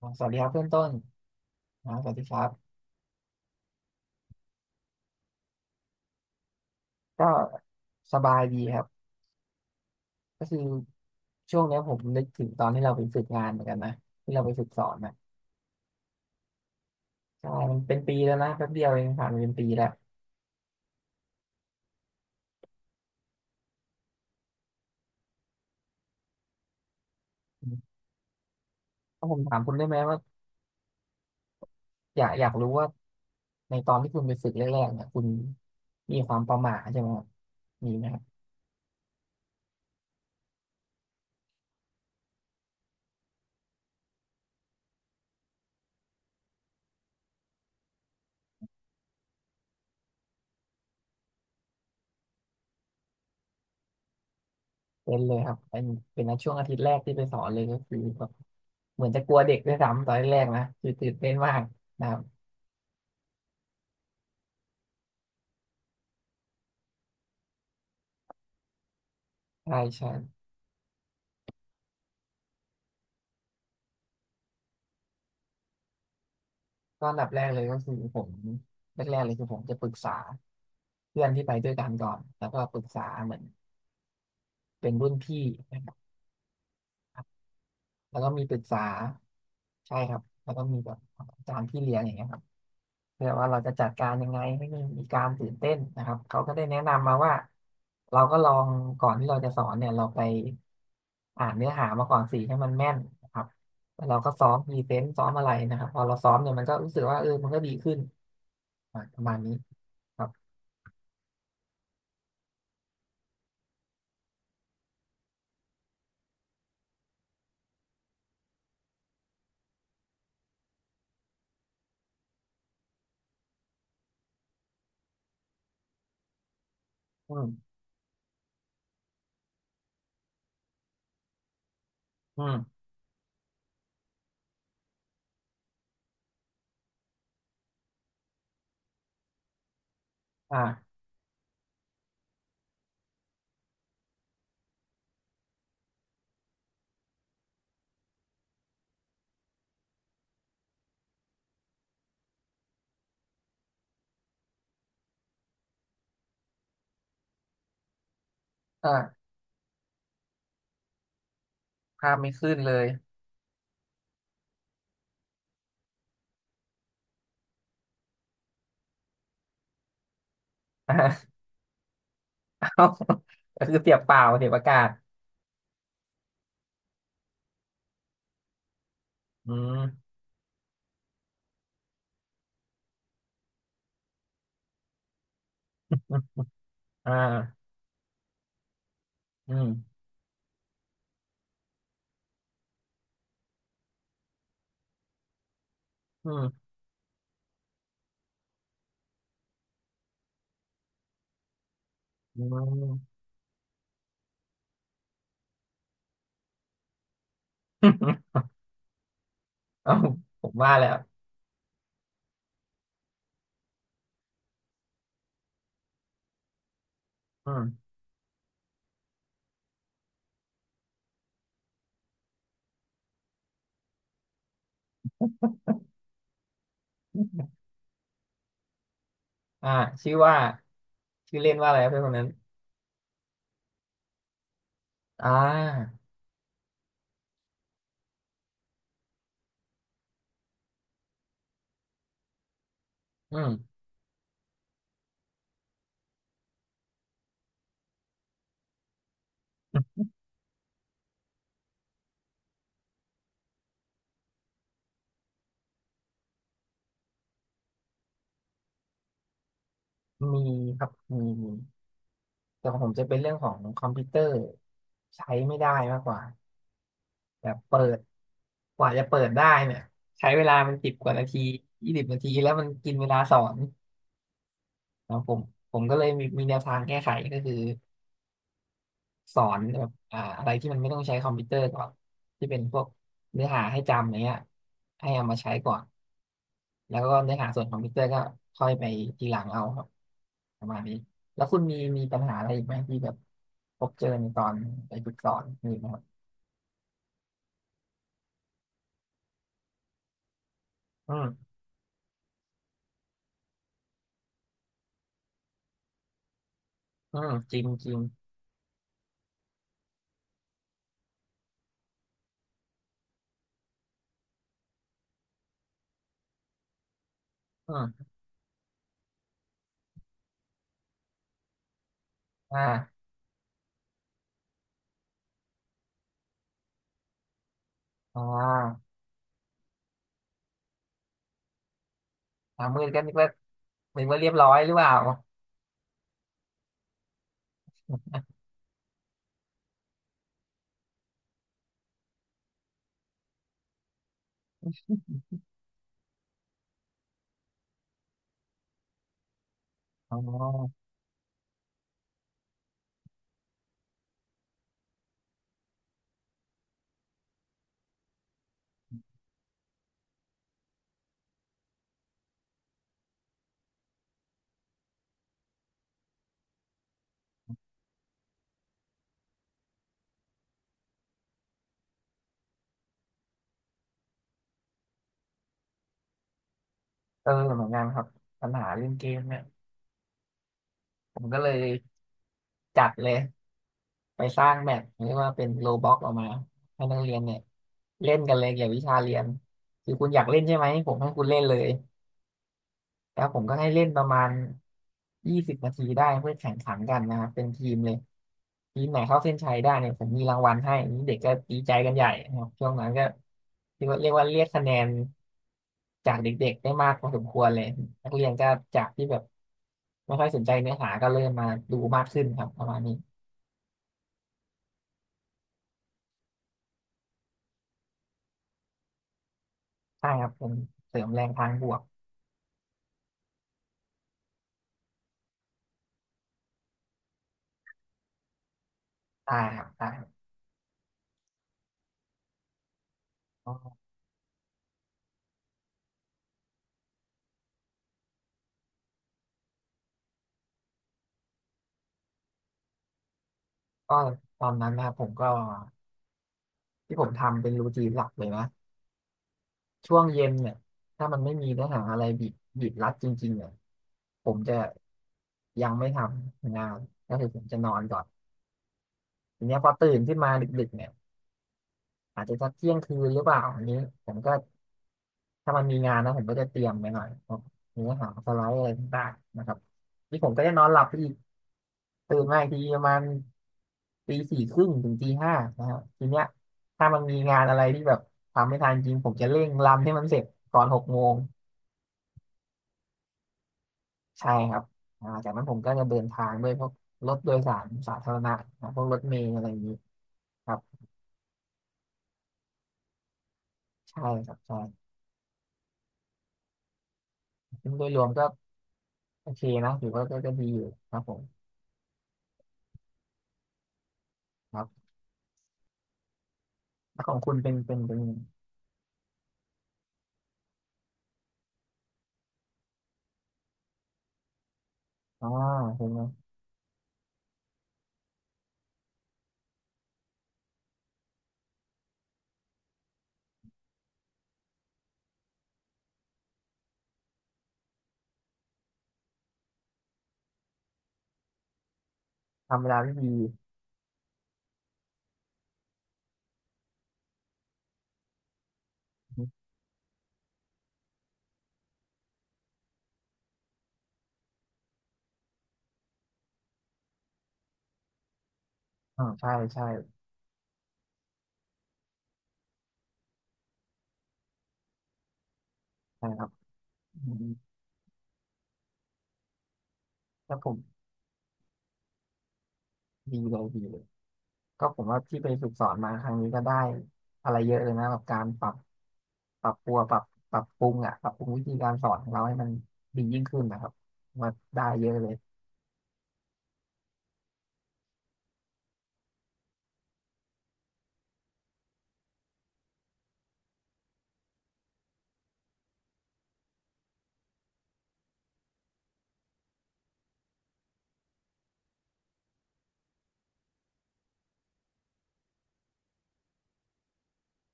อ๋อสวัสดีครับเพื่อนต้นอ๋อสวัสดีครับ ก็สบายดีครับก็คือช่วงเนี้ยผมนึกถึงตอนที่เราไปฝึกงานเหมือนกันนะที่เราไปฝึกสอนนะใช่มันเป็นปีแล้วนะแป๊บเดียวเองผ่านไปเป็นปีแล้วอืมถ้าผมถามคุณได้ไหมว่าอยากรู้ว่าในตอนที่คุณไปฝึกแรกๆเนี่ยคุณมีความประหม่าใช่ไหมครับมีไหมครับเป็นเลยครับเป็นนะช่วงอาทิตย์แรกที่ไปสอนเลยก็คือแบบเหมือนจะกลัวเด็กด้วยซ้ำตอนแรกๆนะคือตื่นเต้นมากนะครับใช่ใช่ ก็อันดับแรกเลยก็คือผมแรกๆเลยคือผมจะปรึกษาเพื่อนที่ไปด้วยกันก่อนแล้วก็ปรึกษาเหมือนเป็นรุ่นพี่นะครับแล้วก็มีปรึกษาใช่ครับแล้วก็มีแบบอาจารย์พี่เลี้ยงอย่างเงี้ยครับเพื่อว่าเราจะจัดการยังไงให้ไมมีการตื่นเต้นนะครับเขาก็ได้แนะนำมาว่าเราก็ลองก่อนที่เราจะสอนเนี่ยเราไปอ่านเนื้อหามาก่อนสิให้มันแม่นนะครับแล้วเราก็ซ้อมพรีเซนต์ซ้อมอะไรนะครับพอเราซ้อมเนี่ยมันก็รู้สึกว่าเออมันก็ดีขึ้นอ่ะประมาณนี้ครับ อืมอืมอ่าอ่าภาพไม่ขึ้นเลย อ่าเอาก็คือเสียบเปล่าเสียบอากาศอืมอืมอ่าอืมอืมอืม เอาผมว่าแล้วอืมอ่าชื่อว่าชื่อเล่นว่าอะไรครับเพื่อนคนนั้นอ่าอืมมีครับมีแต่ของผมจะเป็นเรื่องของคอมพิวเตอร์ใช้ไม่ได้มากกว่า แบบเปิดกว่าจะเปิดได้เนี่ยใช้เวลามันสิบกว่านาทียี่สิบนาทีแล้วมันกินเวลาสอนนะผมผมก็เลยมีแนวทางแก้ไขก็คือสอนแบบอ่าอะไรที่มันไม่ต้องใช้คอมพิวเตอร์ก่อนที่เป็นพวกเนื้อหาให้จำอย่างเงี้ยให้เอามาใช้ก่อนแล้วก็เนื้อหาส่วนคอมพิวเตอร์ก็ค่อยไปทีหลังเอาครับประมาณนี้แล้วคุณมีปัญหาอะไรอีกไหมที่แบบพบเจอในตอนไปฝึกสอนมีไหมครับอืมอืมจริงจริงอืมอ่าอ่า มืดก็นึกว่าเรียบร้อยหรือเปล่าอ๋อเออเหมือนกันครับปัญหาเล่นเกมเนี่ยผมก็เลยจัดเลยไปสร้างแมปเรียกว่าเป็นโลบ็อกออกมาให้นักเรียนเนี่ยเล่นกันเลยเกี่ยวกับวิชาเรียนคือคุณอยากเล่นใช่ไหมผมให้คุณเล่นเลย แล้วผมก็ให้เล่นประมาณยี่สิบนาทีได้เพื่อแข่งขันกันนะครับเป็นทีมเลยทีมไหนเข้าเส้นชัยได้เนี่ยผมมีรางวัลให้นี่เด็กก็ดีใจกันใหญ่นะครับช่วงนั้นก็เรียกว่าเรียกคะแนนจากเด็กๆได้มากพอสมควรเลยนักเรียนก็จากที่แบบไม่ค่อยสนใจเนื้อหาก็เริ่มมาดูมากขึ้นครับประมาณนี้ใช่ครับเสริมแรงทางบวกใช่ครับใช่ครับก็ตอนนั้นนะครับผมก็ที่ผมทำเป็นรูทีนหลักเลยนะ ช่วงเย็นเนี่ยถ้ามันไม่มีเนื้อหาอะไรบีบรัดจริงๆเนี่ยผมจะยังไม่ทำงานก็คือผมจะนอนก่อนทีเนี้ยพอตื่นขึ้นมาดึกๆเนี่ยอาจจะสักเที่ยงคืนหรือเปล่าอันนี้ผมก็ถ้ามันมีงานนะผมก็จะเตรียมไปหน่อยพวกเนื้อหาสไลด์อะไรต่างๆนะครับนี่ผมก็จะนอนหลับไปอีกตื่นมาอีกทีประมาณตีสี่ครึ่งถึงตีห้านะครับทีเนี้ยถ้ามันมีงานอะไรที่แบบทำไม่ทันจริงผมจะเร่งรันให้มันเสร็จก่อนหกโมง ใช่ครับอ่าจากนั้นผมก็จะเดินทางด้วยพวกรถโดยสารสาธารณะนะพวกรถเมล์อะไรอย่างนี้ครับใช่ครับใช่ซึ่งโดยรวมก็โอเคนะถือว่าก็ดีอยู่ครับผมครับแล้วของคุณเป็นเป็นเป็นอ่าเป็นไงทำเวลาได้ดีอ่าใช่ใช่ใช่ครับอืมแล้วผมดีเลยดีเลย ก็ผมว่าที่ไปฝึกสอนมาครั้งนี้ก็ได้อะไรเยอะเลยนะกับการปรับปรัวปรับปรับปรุงวิธีการสอนของเราให้มันดียิ่งขึ้นนะครับผมว่าได้เยอะเลย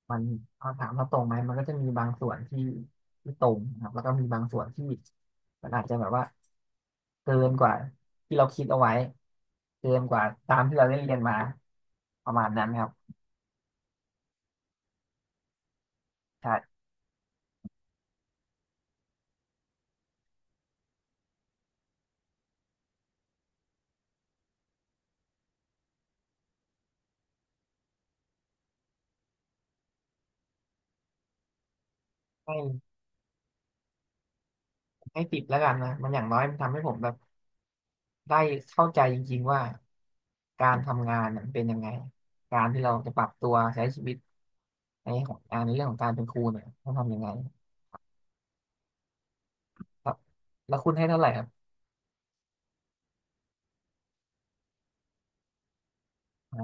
มันเอาถามว่าตรงไหมมันก็จะมีบางส่วนที่ตรงนะครับแล้วก็มีบางส่วนที่มันอาจจะแบบว่าเกินกว่าที่เราคิดเอาไว้เกินกว่าตามที่เราได้เรียนมาประมาณนั้นครับใช่ให้ให้ติดแล้วกันนะมันอย่างน้อยมันทำให้ผมแบบ ได้เข้าใจจริงๆว่าการทำงานเนี่ยมันเป็นยังไง การที่เราจะปรับตัวใช้ชีวิตในของงานในเรื่องของการเป็นครูเนี่ยต้องทำยังไงครับแล้วคุณให้เท่าไหร่ครับอ๋อ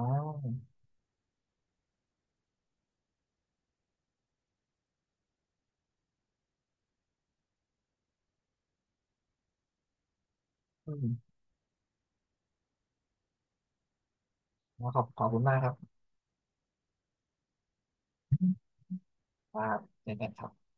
อืมขอบคุณมากครับครับเจอกันครับ